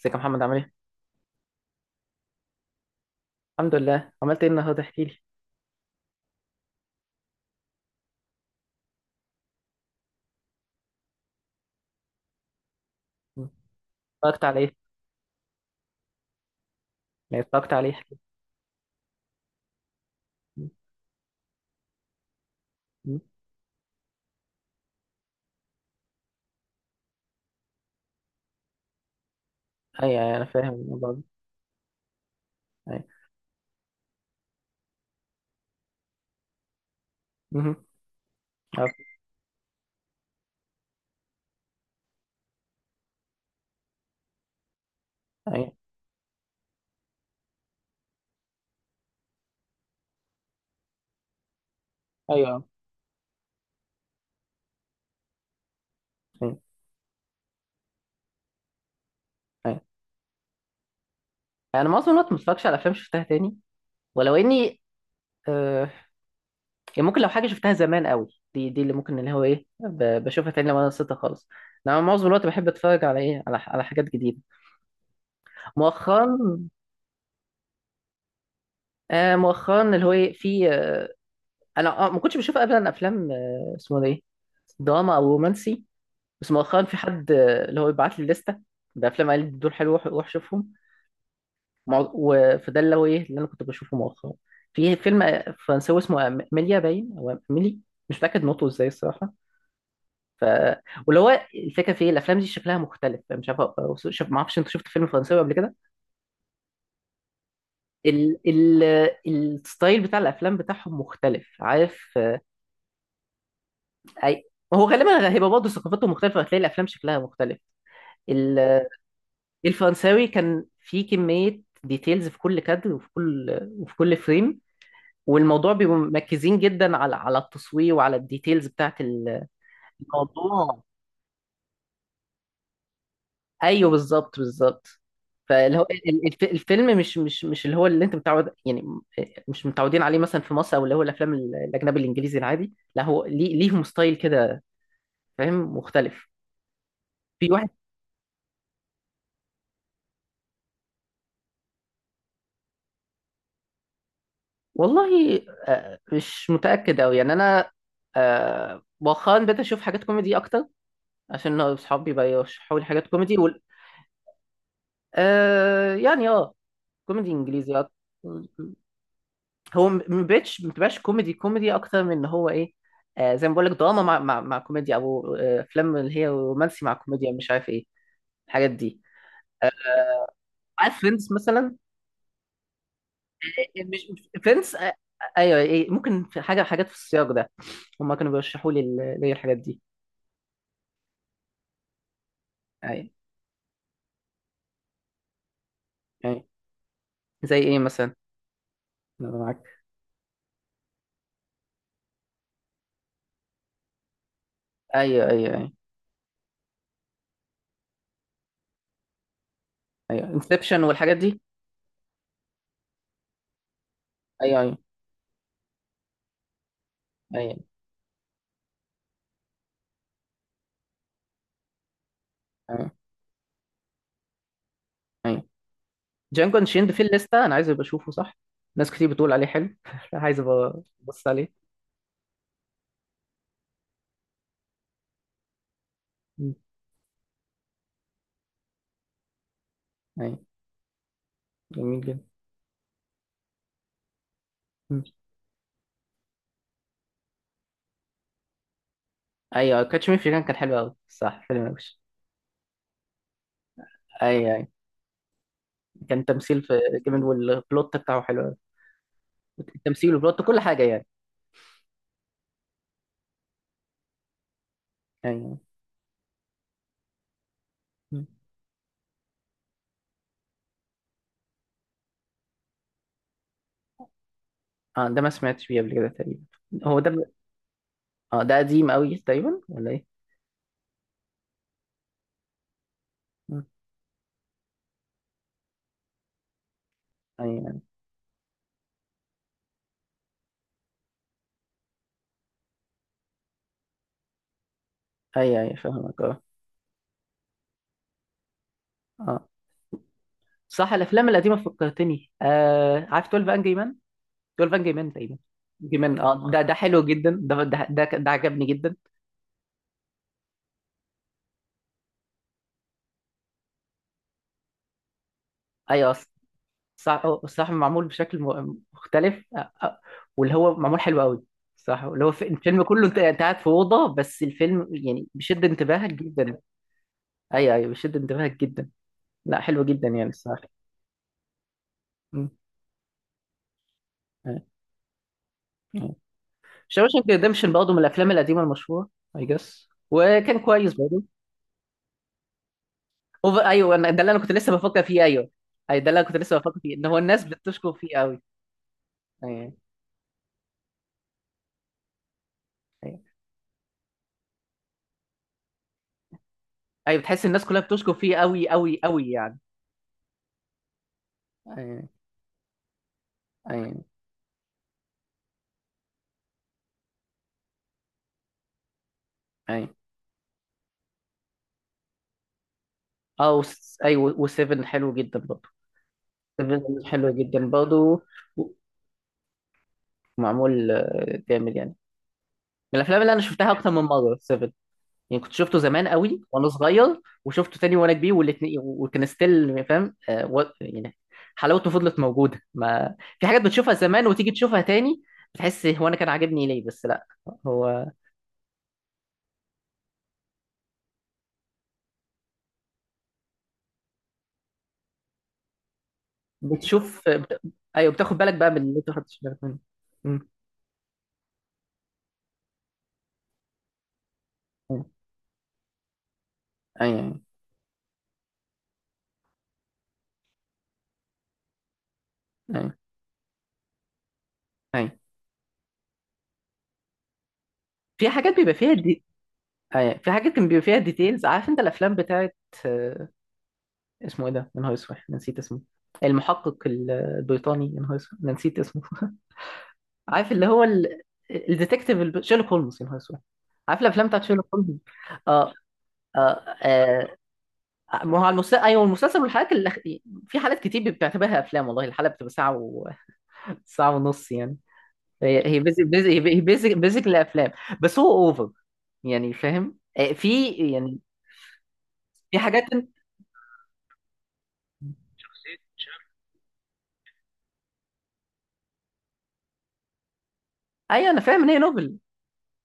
ازيك يا محمد عامل ايه؟ الحمد لله. عملت ايه النهارده؟ احكي لي. مم. اتفرجت على ايه؟ يعني اتفرجت على ايه؟ احكي لي. مم. ايوه، أيوة، انا فاهم الموضوع ده. ايوه، مهم. عارف. ايوه، ايوه، ايوه، ايوه، انا معظم الوقت ما بتفرجش على افلام شفتها تاني، ولو اني آه يعني ممكن، لو حاجه شفتها زمان قوي، دي اللي ممكن، اللي هو ايه، بشوفها تاني لو انا نسيتها خالص. انا معظم الوقت بحب اتفرج على ايه، على حاجات جديده مؤخرا. مؤخرا، اللي هو ايه، في، انا، ما كنتش بشوف ابدا افلام، اسمه ده ايه، دراما او رومانسي. بس مؤخرا في حد، اللي هو يبعت لي لستة بأفلام، قال لي دول حلوة وروح شوفهم. فده اللي هو إيه اللي أنا كنت بشوفه مؤخرا. في فيلم فرنساوي اسمه أميليا باين، أو أميلي، مش متأكد نطقه إزاي الصراحة. ف واللي هو الفكرة في إيه، الأفلام دي شكلها مختلف، مش عارف. شوف، ما أعرفش، أنت شفت فيلم فرنساوي قبل كده؟ ال... ال... الستايل بتاع الأفلام بتاعهم مختلف، عارف، أي. هو غالبا هيبقى برضه ثقافاتهم مختلفة، هتلاقي الأفلام شكلها مختلف. الفرنساوي كان فيه كمية ديتيلز في كل كادر، وفي كل فريم. والموضوع بيبقوا مركزين جدا على التصوير، وعلى الديتيلز بتاعت الموضوع. ايوه، بالظبط، بالظبط. فاللي هو الفيلم مش اللي هو اللي انت متعود يعني. مش متعودين عليه مثلا في مصر، او اللي هو الافلام الاجنبي الانجليزي العادي. لا، هو ليه، ليهم ستايل كده، فاهم، مختلف. في واحد، والله، مش متاكد قوي يعني، انا مؤخرا بقيت اشوف حاجات كوميدي اكتر، عشان اصحابي بقى يرشحوا لي حاجات كوميدي. وال... آه يعني، اه، كوميدي انجليزي أكتر. ما بقتش، ما بتبقاش كوميدي اكتر من ان هو ايه، زي ما بقول لك دراما، مع كوميديا، او افلام اللي هي رومانسي مع كوميديا، مش عارف ايه، الحاجات دي. عارف فريندز مثلا؟ مش فريندز، ايوه، ايه، ممكن في حاجه، حاجات في السياق ده هما كانوا بيرشحوا لي، لي الحاجات دي. ايوه، ايوه، زي ايه مثلا؟ أنا معاك. ايوه، ايوه، ايوه، ايوه، انسبشن والحاجات دي. ايوه، ايوه، ايوه. أيوة. ايوه، جانجو شيند في الليسته، انا عايز ابقى اشوفه، صح. ناس كتير بتقول عليه حلو عايز ابقى ابص عليه. مم. ايوه، جميل جدا. مم. ايوه، كاتش مي في كان، كان حلو قوي، صح، فيلم وحش. ايوه، ايوه، كان تمثيل في جامد، والبلوت بتاعه حلو قوي. التمثيل والبلوت، كل حاجه يعني. ايوه. مم. اه، ده ما سمعتش بيه قبل كده تقريبا. هو ده ب... اه، ده قديم قوي تقريبا، ولا ايه؟ مم. ايوه، ايوه، ايوه، أيوة، فاهمك، اه، اه. صح، الافلام القديمه فكرتني، عارف 12 انجري جول فان جيمان تقريبا؟ جيمان، اه، ده حلو جدا، ده عجبني جدا. ايوه، اصلا، صح، صح، معمول بشكل مختلف، واللي هو معمول حلو قوي. صح، اللي هو الفيلم كله، انت قاعد في اوضه بس، الفيلم يعني بيشد انتباهك جدا. ايوه، ايوه، بيشد انتباهك جدا. لا، حلو جدا يعني الصراحه. شاوشانك ريديمشن برضه من الافلام القديمه المشهوره. اي جس، وكان كويس برضه. اوفر، ايوه، ده اللي انا كنت لسه بفكر فيه. ايوه، اي، ده اللي انا كنت لسه بفكر فيه، ان هو الناس بتشكر فيه قوي. ايوه. ايوه، بتحس الناس كلها بتشكر فيه قوي، قوي، قوي يعني. ايوه، ايوه، ايوه. اه، ايوه، و7 حلو جدا برضه. 7 حلو جدا برضه، معمول جامد يعني. من الافلام اللي انا شفتها اكتر من مره 7. يعني كنت شفته زمان قوي وانا صغير، وشفته تاني وانا كبير، والاثنين وكان ستيل فاهم، يعني حلاوته فضلت موجوده. ما في حاجات بتشوفها زمان وتيجي تشوفها تاني، بتحس، هو انا كان عاجبني ليه؟ بس لا. هو بتشوف بت... ايوه، بتاخد بالك بقى من اللي انت ما خدتش بالك منه. مم. ايوه، ايوه، ايوه، ايوه. في حاجات بيبقى فيها دي. ايوه، في حاجات كان بيبقى فيها ديتيلز، عارف انت الافلام بتاعت، آه، اسمه ايه ده؟ يا نهار اسود، أنا نسيت اسمه. المحقق البريطاني، يا نهار اسود، أنا نسيت اسمه عارف اللي هو الديتكتيف، شيرلوك هولمز، يا نهار اسود. عارف الافلام بتاعت شيرلوك هولمز. اه. اه. ما هو المسلسل، ايوه، المسلسل والحلقات اللي... في حالات كتير بتعتبرها افلام، والله الحلقه بتبقى ساعه و... ساعه ونص يعني. هي هي بيزك، بيزك، هي بيزك، بيزك الافلام. بس هو اوفر يعني، فاهم، في يعني، في حاجات. ايوه، انا فاهم ان هي نوبل،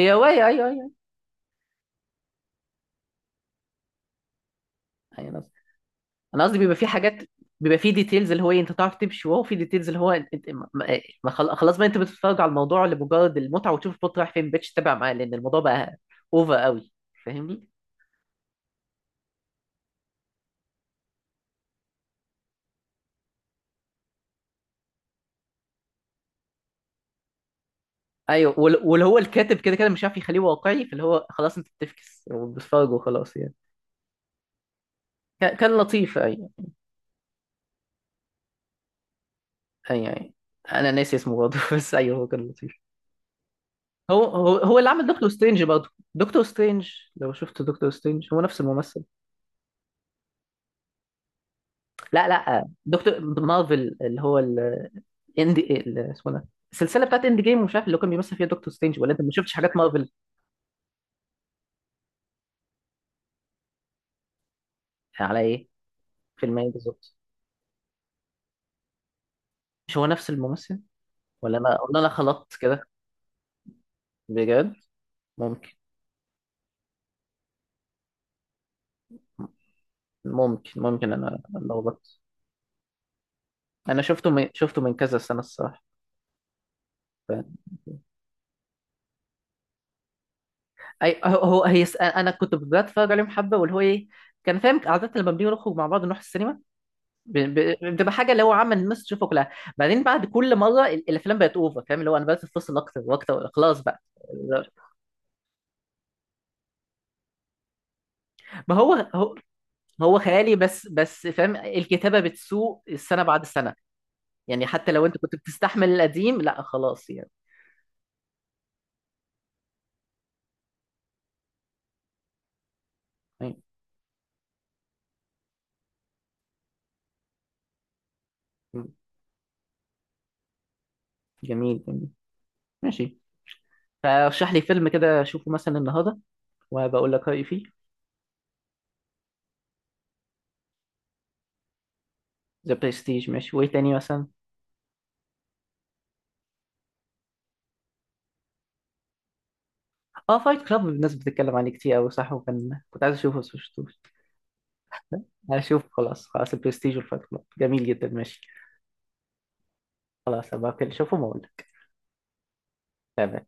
هي روايه. ايوه، ايوه. ايوه، انا قصدي، أنا قصدي بيبقى في حاجات، بيبقى في ديتيلز، اللي هو إيه، انت تعرف تمشي، وهو في ديتيلز اللي هو انت أنت- ما- ما- ما خل- خلاص بقى، انت بتتفرج على الموضوع لمجرد المتعه، وتشوف البوت رايح فين، ما بقتش تتابع معاه، لان الموضوع بقى اوفر قوي، فاهمني. ايوه، واللي هو الكاتب كده كده مش عارف يخليه واقعي، فاللي هو خلاص انت بتفكس وبتتفرج وخلاص يعني. كان لطيف، ايوه. ايوه، ايوه، انا ناسي اسمه برضه بس ايوه، هو كان لطيف. هو اللي عمل دكتور سترينج برضه. دكتور سترينج، لو شفت دكتور سترينج، هو نفس الممثل. لا، لا، دكتور مارفل، اللي هو الاندي، اسمه ده، السلسله بتاعت اند جيم، ومش عارف اللي هو كان بيمثل فيها دكتور سترينج، ولا انت ما شفتش حاجات مارفل؟ على ايه؟ فيلم ايه بالظبط؟ مش هو نفس الممثل، ولا انا، خلطت كده؟ بجد؟ ممكن، ممكن. ممكن انا لخبطت. انا شفته من كذا سنه الصراحه. ف- اي، انا كنت بتفرج عليهم حبه، واللي هو ايه، كان فاهم، عاده لما بنيجي نخرج مع بعض، نروح السينما، بتبقى حاجه اللي هو عامه الناس تشوفه كلها. بعدين، بعد كل مره الافلام بقت اوفر، فاهم، اللي هو انا بقيت اتفصل اكتر واكتر، خلاص بقى. ما هو هو خيالي بس، بس فاهم الكتابه بتسوء السنه بعد السنه. يعني حتى لو انت كنت بتستحمل القديم، لا خلاص يعني. أي. جميل، جميل، ماشي. فرشح لي فيلم كده اشوفه مثلا النهارده، وبقول لك رايي فيه. ذا برستيج ماشي، وايه تاني مثلا؟ اه، فايت كلاب، الناس بتتكلم عليه كتير قوي، صح، وكان كنت عايز اشوفه بس مشفتوش. هشوف، خلاص، خلاص البرستيج والفايت كلاب، جميل جدا، ماشي. خلاص، هبقى كده اشوفهم واقول لك. تمام.